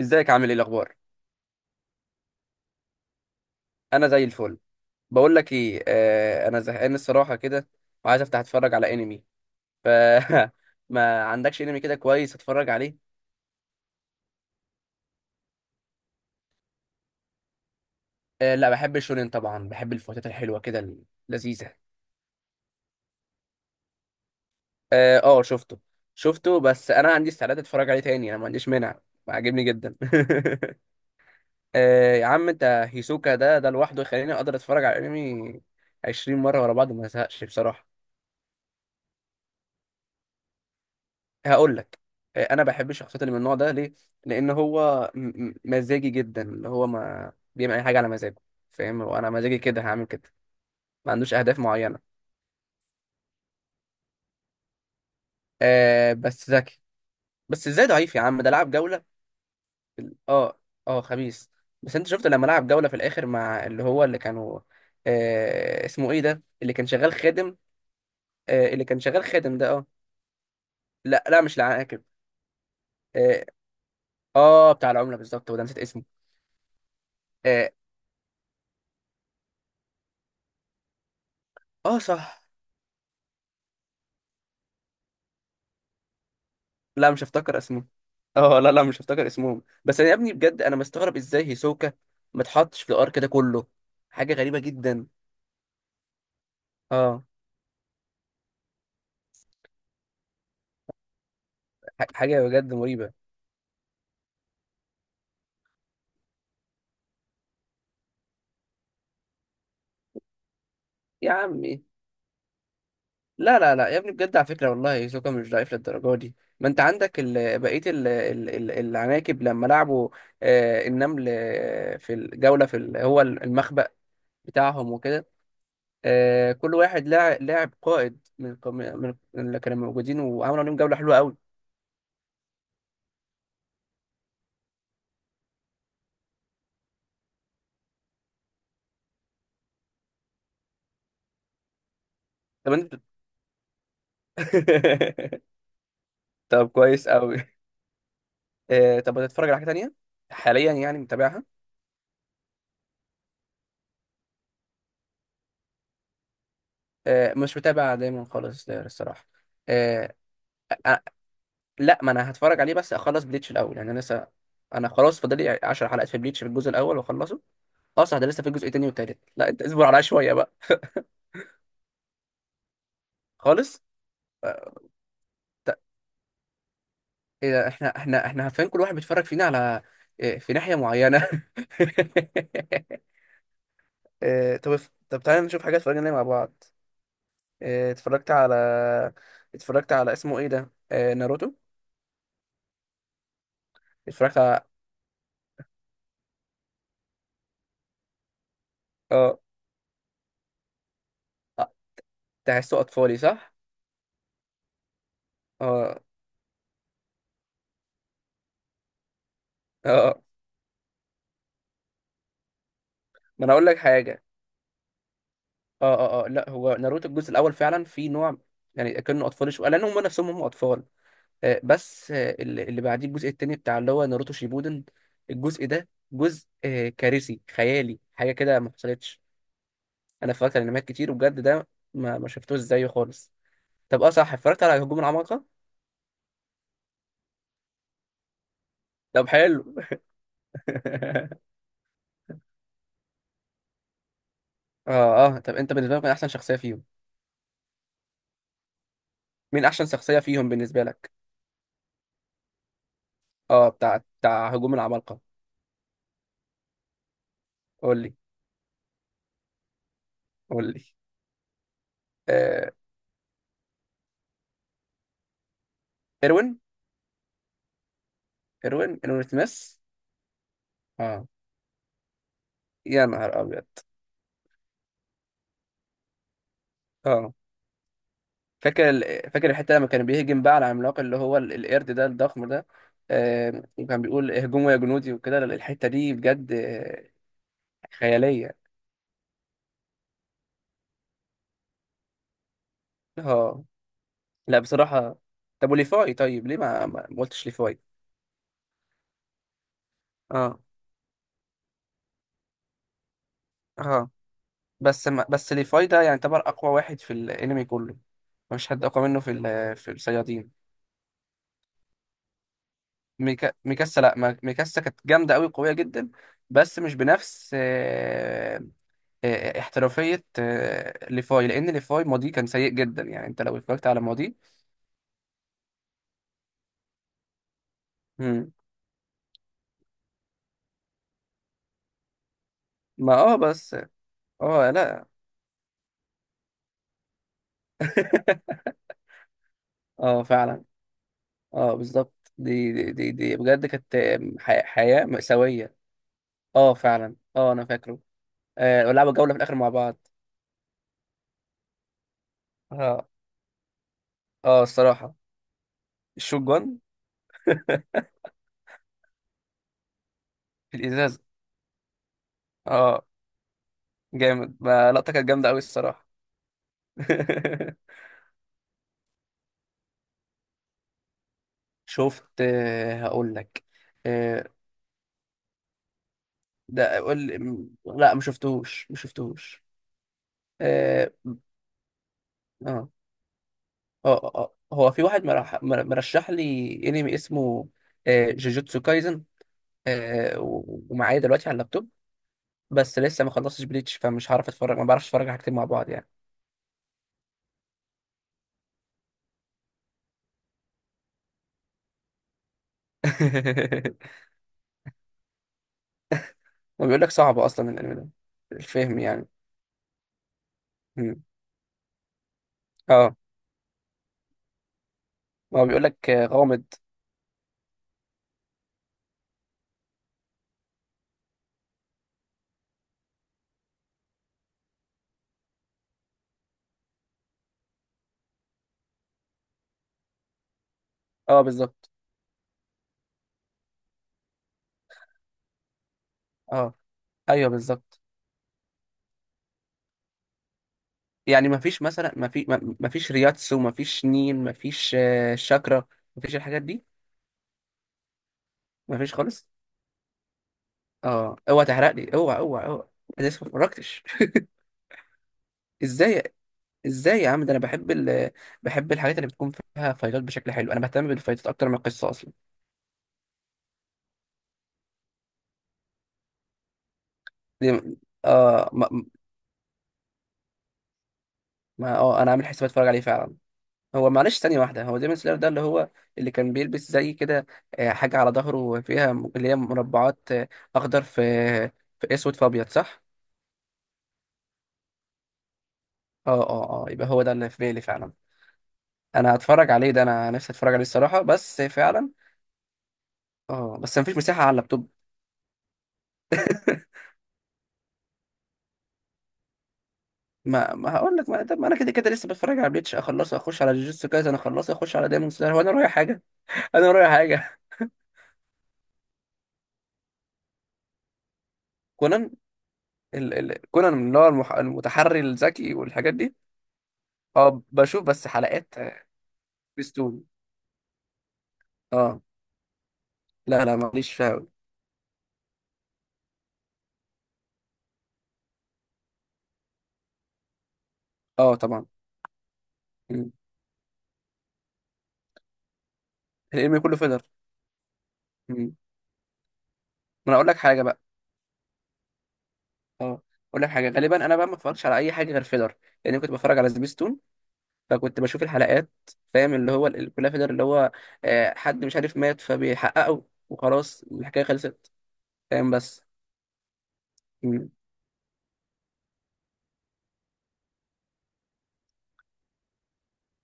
ازيك عامل ايه الاخبار؟ انا زي الفل. بقول لك ايه، انا زهقان الصراحه كده، وعايز افتح اتفرج على انمي. ف ما عندكش انمي كده كويس اتفرج عليه؟ آه لا، بحب الشونين طبعا، بحب الفوتات الحلوه كده اللذيذه. اه آه، شفته. شفته بس انا عندي استعداد اتفرج عليه تاني، انا ما عنديش مانع. عاجبني جدا. آه يا عم انت، هيسوكا ده لوحده يخليني اقدر اتفرج على انمي 20 مره ورا بعض وما ازهقش بصراحه. هقول لك، آه، انا بحب الشخصيات اللي من النوع ده، ليه؟ لان هو مزاجي جدا، اللي هو ما بيعمل اي حاجه على مزاجه، فاهم؟ وانا مزاجي كده هعمل كده، ما عندوش اهداف معينه. آه بس ذكي. بس ازاي ضعيف يا عم؟ ده لعب جوله. اه. اه خبيث. بس انت شفت لما لعب جوله في الاخر مع اللي هو اللي كانوا، آه اسمه ايه ده اللي كان شغال خادم؟ آه اللي كان شغال خادم ده، اه. لا لا مش العاقب. اه، آه بتاع العمله بالظبط، وده نسيت اسمه. اه، آه صح. لا مش هفتكر اسمهم. اه لا لا مش هفتكر اسمهم، بس انا يا ابني بجد انا مستغرب ازاي هيسوكا ما اتحطش في الار كده كله. حاجه غريبه جدا. اه، حاجه بجد مريبه. يا عمي، لا لا لا يا ابني بجد على فكره والله هيسوكا مش ضعيف للدرجه دي، ما انت عندك بقيه العناكب لما لعبوا، آه النمل آه، في الجوله في هو المخبأ بتاعهم وكده. آه كل واحد لعب قائد من من اللي كانوا موجودين وعملوا عليهم جوله حلوه قوي. طب انت، طب كويس قوي. آه طب بتتفرج على حاجه تانية حاليا يعني، متابعها؟ آه مش متابع دايما خالص ده الصراحه. آه آه، لا ما انا هتفرج عليه بس اخلص بليتش الاول، يعني انا لسه، انا خلاص فاضل لي 10 حلقات في بليتش في الجزء الاول واخلصه. اه صح، ده لسه في الجزء التاني والتالت، لا انت اصبر عليا شويه بقى. خالص. آه، ت- إيه ده، احنا احنا عارفين كل واحد بيتفرج فينا على، إيه، في ناحيه معينه. آه، طب، طب تعالى نشوف حاجه اتفرجنا عليها مع بعض. آه، اتفرجت على، اتفرجت على اسمه ايه ده، آه، ناروتو. اتفرجت على، اه آه، تحسه اطفالي صح؟ اه اه آه. ما انا اقول لك حاجه، اه اه اه، لا هو ناروتو الجزء الاول فعلا في نوع، يعني كانوا اطفال شويه لان هم نفسهم هم اطفال، آه، بس آه، اللي بعديه الجزء التاني بتاع اللي هو ناروتو شيبودن. الجزء ده جزء آه، كارثي خيالي حاجه كده ما حصلتش. انا اتفرجت على انميات كتير وبجد ده ما شفتوش زيه خالص. طب اه صح، اتفرجت على هجوم العمالقه. طب حلو. اه اه طب انت بالنسبه لك مين احسن شخصيه فيهم؟ مين احسن شخصيه فيهم بالنسبه لك؟ اه بتاع هجوم العمالقه. قول لي. قول لي. آه، اروين، اروين سميث. اه يا نهار ابيض. اه، فاكر فاكر الحته لما كان بيهجم بقى على العملاق اللي هو القرد ده الضخم ده، آه وكان بيقول اهجموا يا جنودي وكده، الحته دي بجد آه، خياليه. اه لا بصراحه، طب وليفاي طيب ليه ما قلتش ليفاي؟ اه اه بس، ما بس ليفاي ده يعني يعتبر اقوى واحد في الانمي كله، مفيش حد اقوى منه في في الصيادين. ميكاسا، لا ما- ميكاسا كانت جامده قوي، قويه جدا، بس مش بنفس آه، آه، آه، احترافيه آه، ليفاي، لان ليفاي ماضيه كان سيء جدا، يعني انت لو اتفرجت على ماضيه. مم. ما اه بس، اه لا، اه فعلا. اه بالظبط، دي بجد كانت حياه مأساويه. اه فعلا اه انا فاكره. آه ولعبوا جوله في الاخر مع بعض. اه. اه الصراحة، الشوت جون. في الإزازة. اه جامد، ما لقطة كانت جامدة أوي الصراحة. شفت آه، هقول لك. آه، ده قول لا ما شفتوش. اه اه اه آه. آه. هو في واحد مرشح لي انمي اسمه آه، جوجوتسو كايزن، آه، ومعايا دلوقتي على اللابتوب، بس لسه ما خلصتش بليتش فمش هعرف اتفرج، ما بعرفش اتفرج على حاجتين مع بعض يعني. وبيقول لك صعب اصلا الانمي ده الفهم يعني. مم. اه ما هو بيقول لك غامض. اه بالظبط. اه ايوه بالظبط. يعني ما فيش مثلا ما فيش رياتسو، ما فيش نين، ما فيش آه، شاكرا، ما فيش الحاجات دي. ما فيش خالص. اه اوعى تحرق لي، اوعى انا لسه ما اتفرجتش. ازاي؟ ازاي يا عم؟ ده انا بحب بحب الحاجات اللي بتكون فيها فايتات بشكل حلو، انا بهتم بالفايتات اكتر من القصه اصلا. دي... اه ما... ما اه انا عامل حساب اتفرج عليه فعلا. هو معلش ثانية واحدة، هو ديمون سلاير ده اللي هو اللي كان بيلبس زي كده آه، حاجة على ظهره فيها اللي هي مربعات آه، أخضر في في أسود في أبيض صح؟ اه اه اه يبقى هو ده اللي في بالي فعلا. أنا هتفرج عليه ده، أنا نفسي أتفرج عليه الصراحة بس فعلا. اه بس مفيش مساحة على اللابتوب. ما ما هقول لك ما, طب ما أنا كده كده لسه بتفرج على بليتش، أخلصه أخش على جوجوتسو كايزن، أخلصه أخش على ديمون سلاير، هو أنا رايح حاجة؟ أنا رايح حاجة؟ كونان. كونان اللي هو المتحري الذكي والحاجات دي؟ اه بشوف بس حلقات آه، سبيستون. اه لا لا ماليش فيها أوي. اه طبعا. مم. الانمي كله فيلر. مم. ما انا اقول لك حاجه بقى، اه اقول لك حاجه، غالبا انا بقى ما اتفرجش على اي حاجه غير فيلر، لان كنت بتفرج على سبيستون، فكنت بشوف الحلقات فاهم، اللي هو كلها فيلر، اللي هو آه، حد مش عارف مات فبيحققه وخلاص الحكايه خلصت. فاهم؟ بس، مم.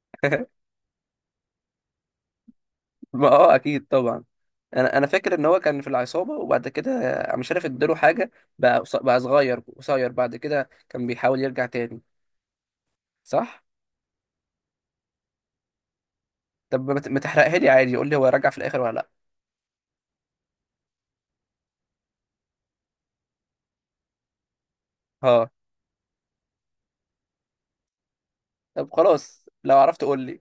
ما اه اكيد طبعا. انا فاكر ان هو كان في العصابه وبعد كده آه، مش عارف اداله حاجه بقى بقى صغير قصير، بعد كده كان بيحاول يرجع تاني، صح؟ طب ما تحرقها لي عادي، قول لي هو راجع في الاخر ولا لا؟ اه طب خلاص لو عرفت قول لي.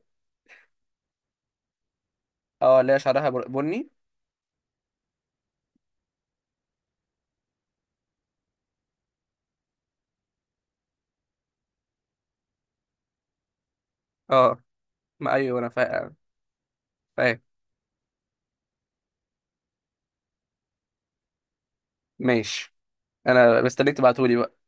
اه اللي هي شعرها بني. اه ما ايوه انا فاهم. فاهم. ماشي. انا مستنيك تبعتولي بقى.